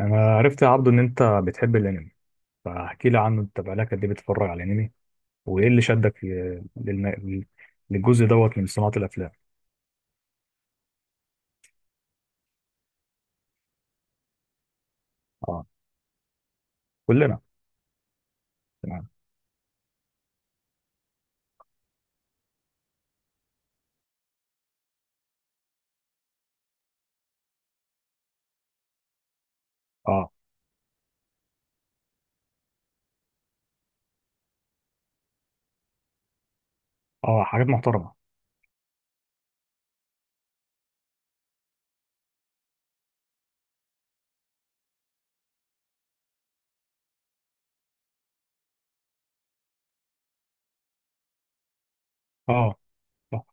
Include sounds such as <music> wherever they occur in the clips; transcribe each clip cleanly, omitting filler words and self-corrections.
انا عرفت يا عبدو ان انت بتحب الانمي فاحكي لي عنه انت بقالك قد ايه بتتفرج على الانمي وايه اللي شدك للجزء دوت من صناعة الافلام. اه كلنا تمام. اه اه حاجات محترمة. اه آه.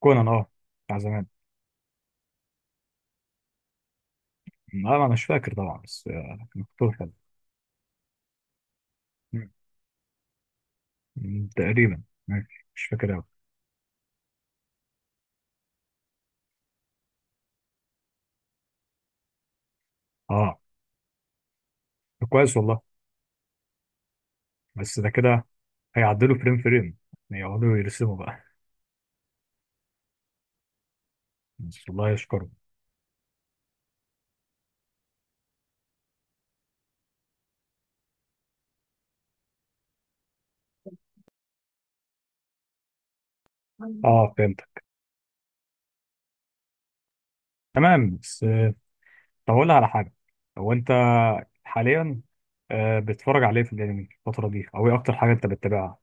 كونان اه بتاع زمان. لا انا مش فاكر طبعا بس كان مكتوب حلو. مم. تقريبا ماشي مش فاكر قوي. اه طب كويس والله. بس ده كده هيعدلوا فريم فريم يقعدوا يرسموا بقى. بس الله يشكرهم. اه فهمت. تمام بس طب أقول لك على حاجة. هو أنت حاليا بتتفرج عليه في الأنمي الفترة دي؟ أو إيه أكتر حاجة أنت بتتابعها؟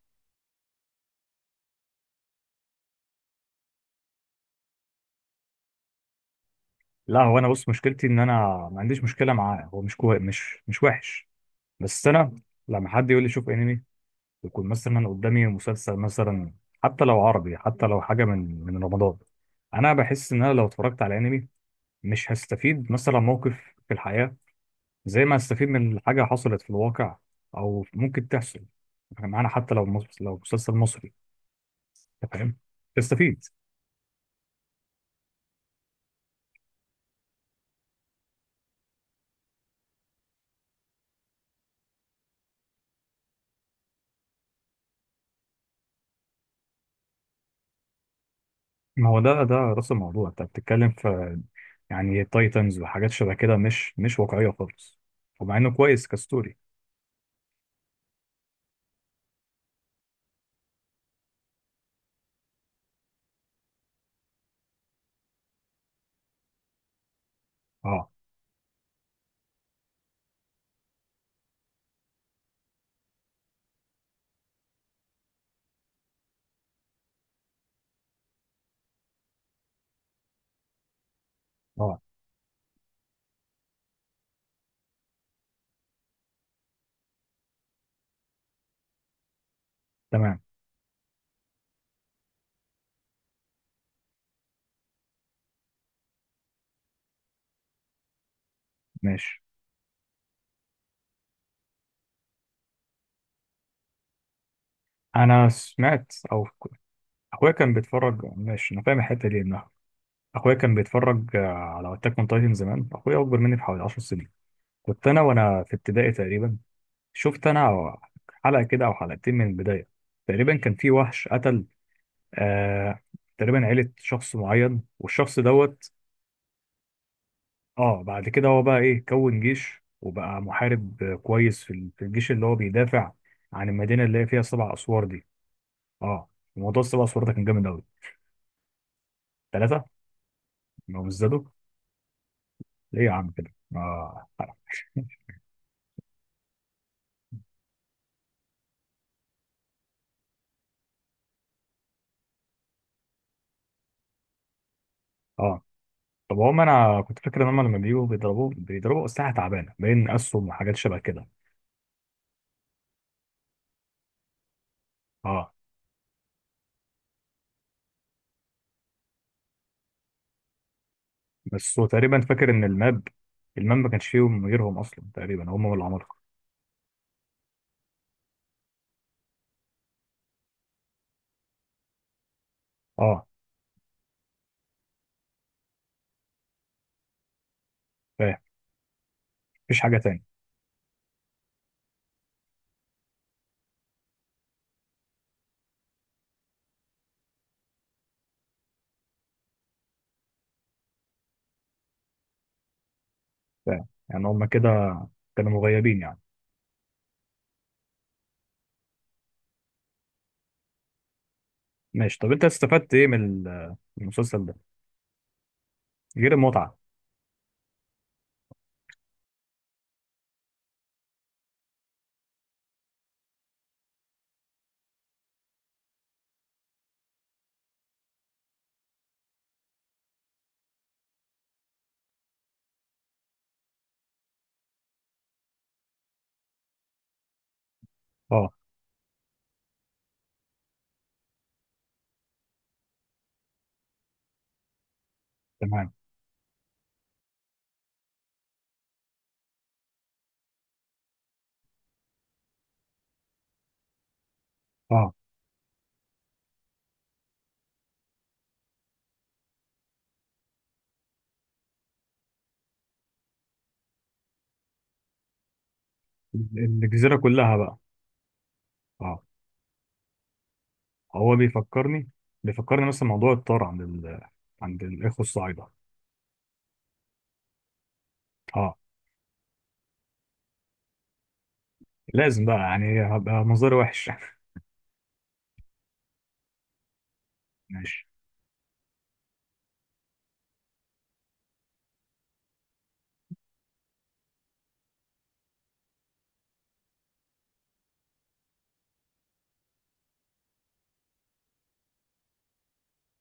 لا هو أنا بص مشكلتي إن أنا ما عنديش مشكلة معاه، هو مش كوي... مش مش وحش. بس أنا لما حد يقول لي شوف أنمي، يكون مثلا قدامي مسلسل، مثلا حتى لو عربي، حتى لو حاجة من رمضان. أنا بحس إن أنا لو اتفرجت على أنمي مش هستفيد مثلا موقف في الحياة زي ما هستفيد من حاجة حصلت في الواقع أو ممكن تحصل معانا، حتى لو لو مسلسل مصري. انت فاهم. تستفيد. ما هو ده راس الموضوع انت بتتكلم في يعني تايتنز وحاجات شبه كده مش واقعيه خالص. ومع انه كويس كستوري. اه اه تمام ماشي. انا سمعت اخويا كان بيتفرج. ماشي انا فاهم الحته دي انها. اخويا كان بيتفرج على اتاك اون تايتن زمان. اخويا اكبر مني بحوالي 10 سنين، كنت انا وانا في ابتدائي تقريبا. شفت انا حلقه كده او حلقتين من البدايه. تقريبا كان في وحش قتل آه تقريبا عيلة شخص معين، والشخص دوت اه بعد كده هو بقى ايه كون جيش وبقى محارب كويس في في الجيش، اللي هو بيدافع عن المدينة اللي هي فيها سبع أسوار دي. اه موضوع السبع أسوار ده كان جامد أوي. ثلاثة. ما هم ازدادوا ليه يا عم كده؟ اه اه طب هم انا كنت فاكر ان هم لما بيجوا بيضربوا أسلحة تعبانة، باين أسهم وحاجات شبه كده. اه بس هو تقريبا فاكر ان الماب ما كانش فيهم غيرهم اصلا تقريبا، هم والعمالقة. اه فاهم. مفيش حاجة تاني. فاهم يعني هم كده كانوا مغيبين يعني. ماشي طب انت استفدت ايه من من المسلسل ده غير المتعة؟ اه تمام. اه الجزيرة كلها بقى. اه هو بيفكرني مثلا موضوع الطار عند عند الاخوة الصعيدة. اه لازم بقى يعني هبقى منظري وحش. <laughs> ماشي.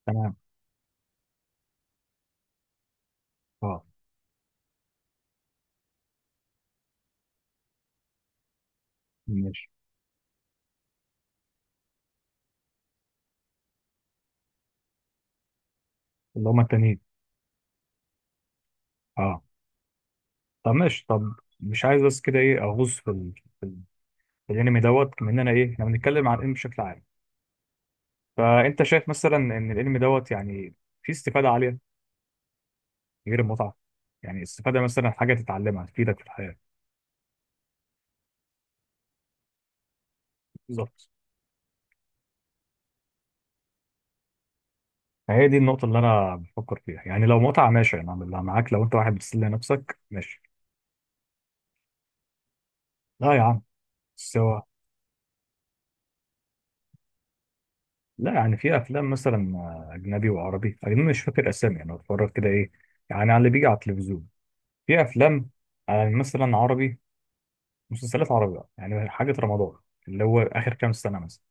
تمام. اه ماشي. اللي هما التانيين. اه طب ماشي، طب مش عايز بس كده ايه اغوص في في ال- في الانمي دوت من انا ايه، احنا بنتكلم عن الانمي بشكل عام. فانت شايف مثلا ان العلم دوت يعني فيه استفاده عاليه غير المتعه؟ يعني استفاده مثلا حاجه تتعلمها تفيدك في الحياه. بالظبط. فهي دي النقطه اللي انا بفكر فيها، يعني لو متعه ماشي انا أعملها معاك، لو انت واحد بتسلي نفسك ماشي. لا يا عم. سوا. لا يعني في افلام مثلا اجنبي وعربي، اجنبي مش فاكر اسامي، انا بتفرج كده ايه يعني، على اللي بيجي على التلفزيون. في افلام مثلا عربي، مسلسلات عربي بقى، يعني حاجه رمضان اللي هو اخر كام سنه مثلا.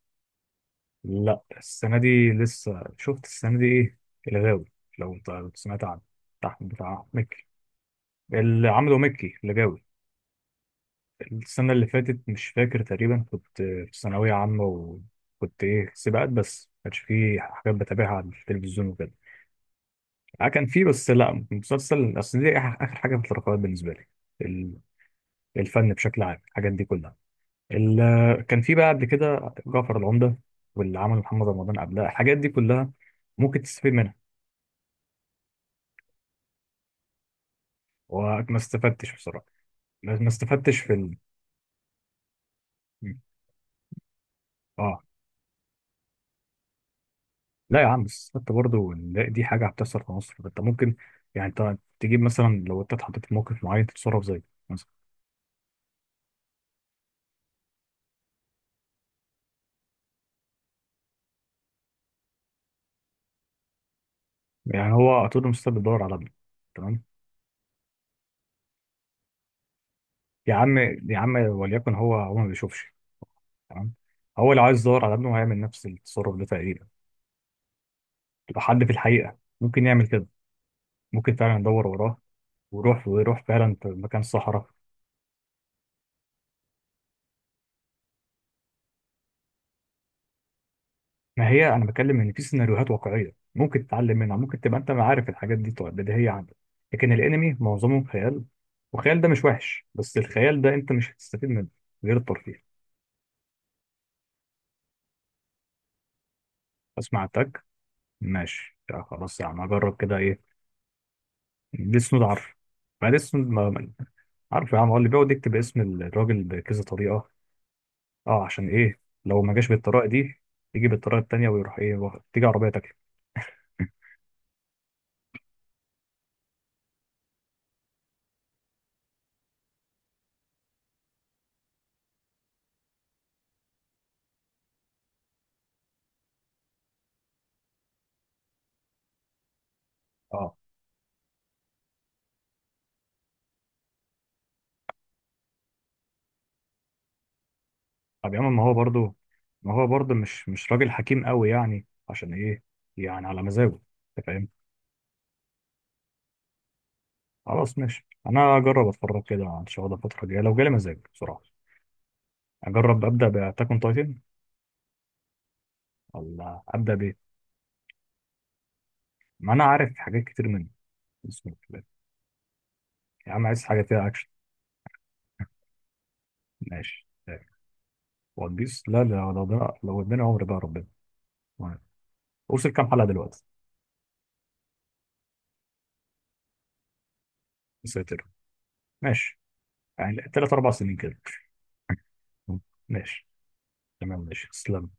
لا السنة دي لسه. شفت السنة دي إيه؟ الغاوي، لو أنت كنت سمعت عنه، بتاع مكي اللي عمله مكي اللي جاوي. السنة اللي فاتت مش فاكر، تقريبا كنت في ثانوية عامة، وكنت إيه سباقات بس ما كانش فيه حاجات بتابعها على التلفزيون وكده. كان فيه بس لا مسلسل، أصل دي آخر حاجة في الرقابات بالنسبة لي، ال- الفن بشكل عام الحاجات دي كلها. كان فيه بقى قبل كده جعفر العمدة واللي عمله محمد رمضان قبلها، الحاجات دي كلها ممكن تستفيد منها. وما استفدتش بصراحة. ما استفدتش في مم. اه لا يا عم بس استفدت برضه ان دي حاجة هتحصل في مصر، انت ممكن يعني انت تجيب مثلا، لو انت اتحطيت في موقف معين تتصرف زيه مثلا. يعني هو طول المستقبل بيدور على ابنه. تمام. يا عم يا عم وليكن، هو هو ما بيشوفش. تمام. هو لو عايز يدور على ابنه هيعمل نفس التصرف ده تقريبا، لو حد في الحقيقة ممكن يعمل كده. ممكن فعلا يدور وراه. ويروح ويروح فعلا في مكان الصحراء. ما هي انا بتكلم ان في سيناريوهات واقعيه ممكن تتعلم منها، ممكن تبقى انت عارف الحاجات دي بديهيه عندك. لكن الانمي معظمه خيال، والخيال ده مش وحش، بس الخيال ده انت مش هتستفيد منه غير الترفيه. اسمع تك ماشي، يا خلاص يا عم اجرب كده ايه. ديس نوت عارف. ما ديس نوت عارف يا عم، هو اللي بيقعد يكتب اسم الراجل بكذا طريقه. اه عشان ايه، لو ما جاش بالطريقه دي يجي بالطريقه التانيه، ويروح ايه تيجي عربيه تاكله. اه طب يا عم ما هو برضه، ما هو برضه مش راجل حكيم قوي، يعني عشان ايه يعني على مزاجه. انت فاهم. خلاص ماشي انا اجرب اتفرج كده ان شاء الله الفتره الجايه لو جالي مزاج بصراحه. اجرب ابدا باتاك اون تايتن ولا ابدا بايه؟ ما انا عارف حاجات كتير منه. بسم الله الرحمن الرحيم. يا عم عايز حاجه فيها اكشن. ماشي. ون بيس لا لا، لو ده لو اداني عمر بقى ربنا. تمام. وصل كام حلقه دلوقتي؟ يا ساتر. ماشي. يعني ثلاث اربع سنين كده. <laughs> ماشي تمام ماشي تسلم.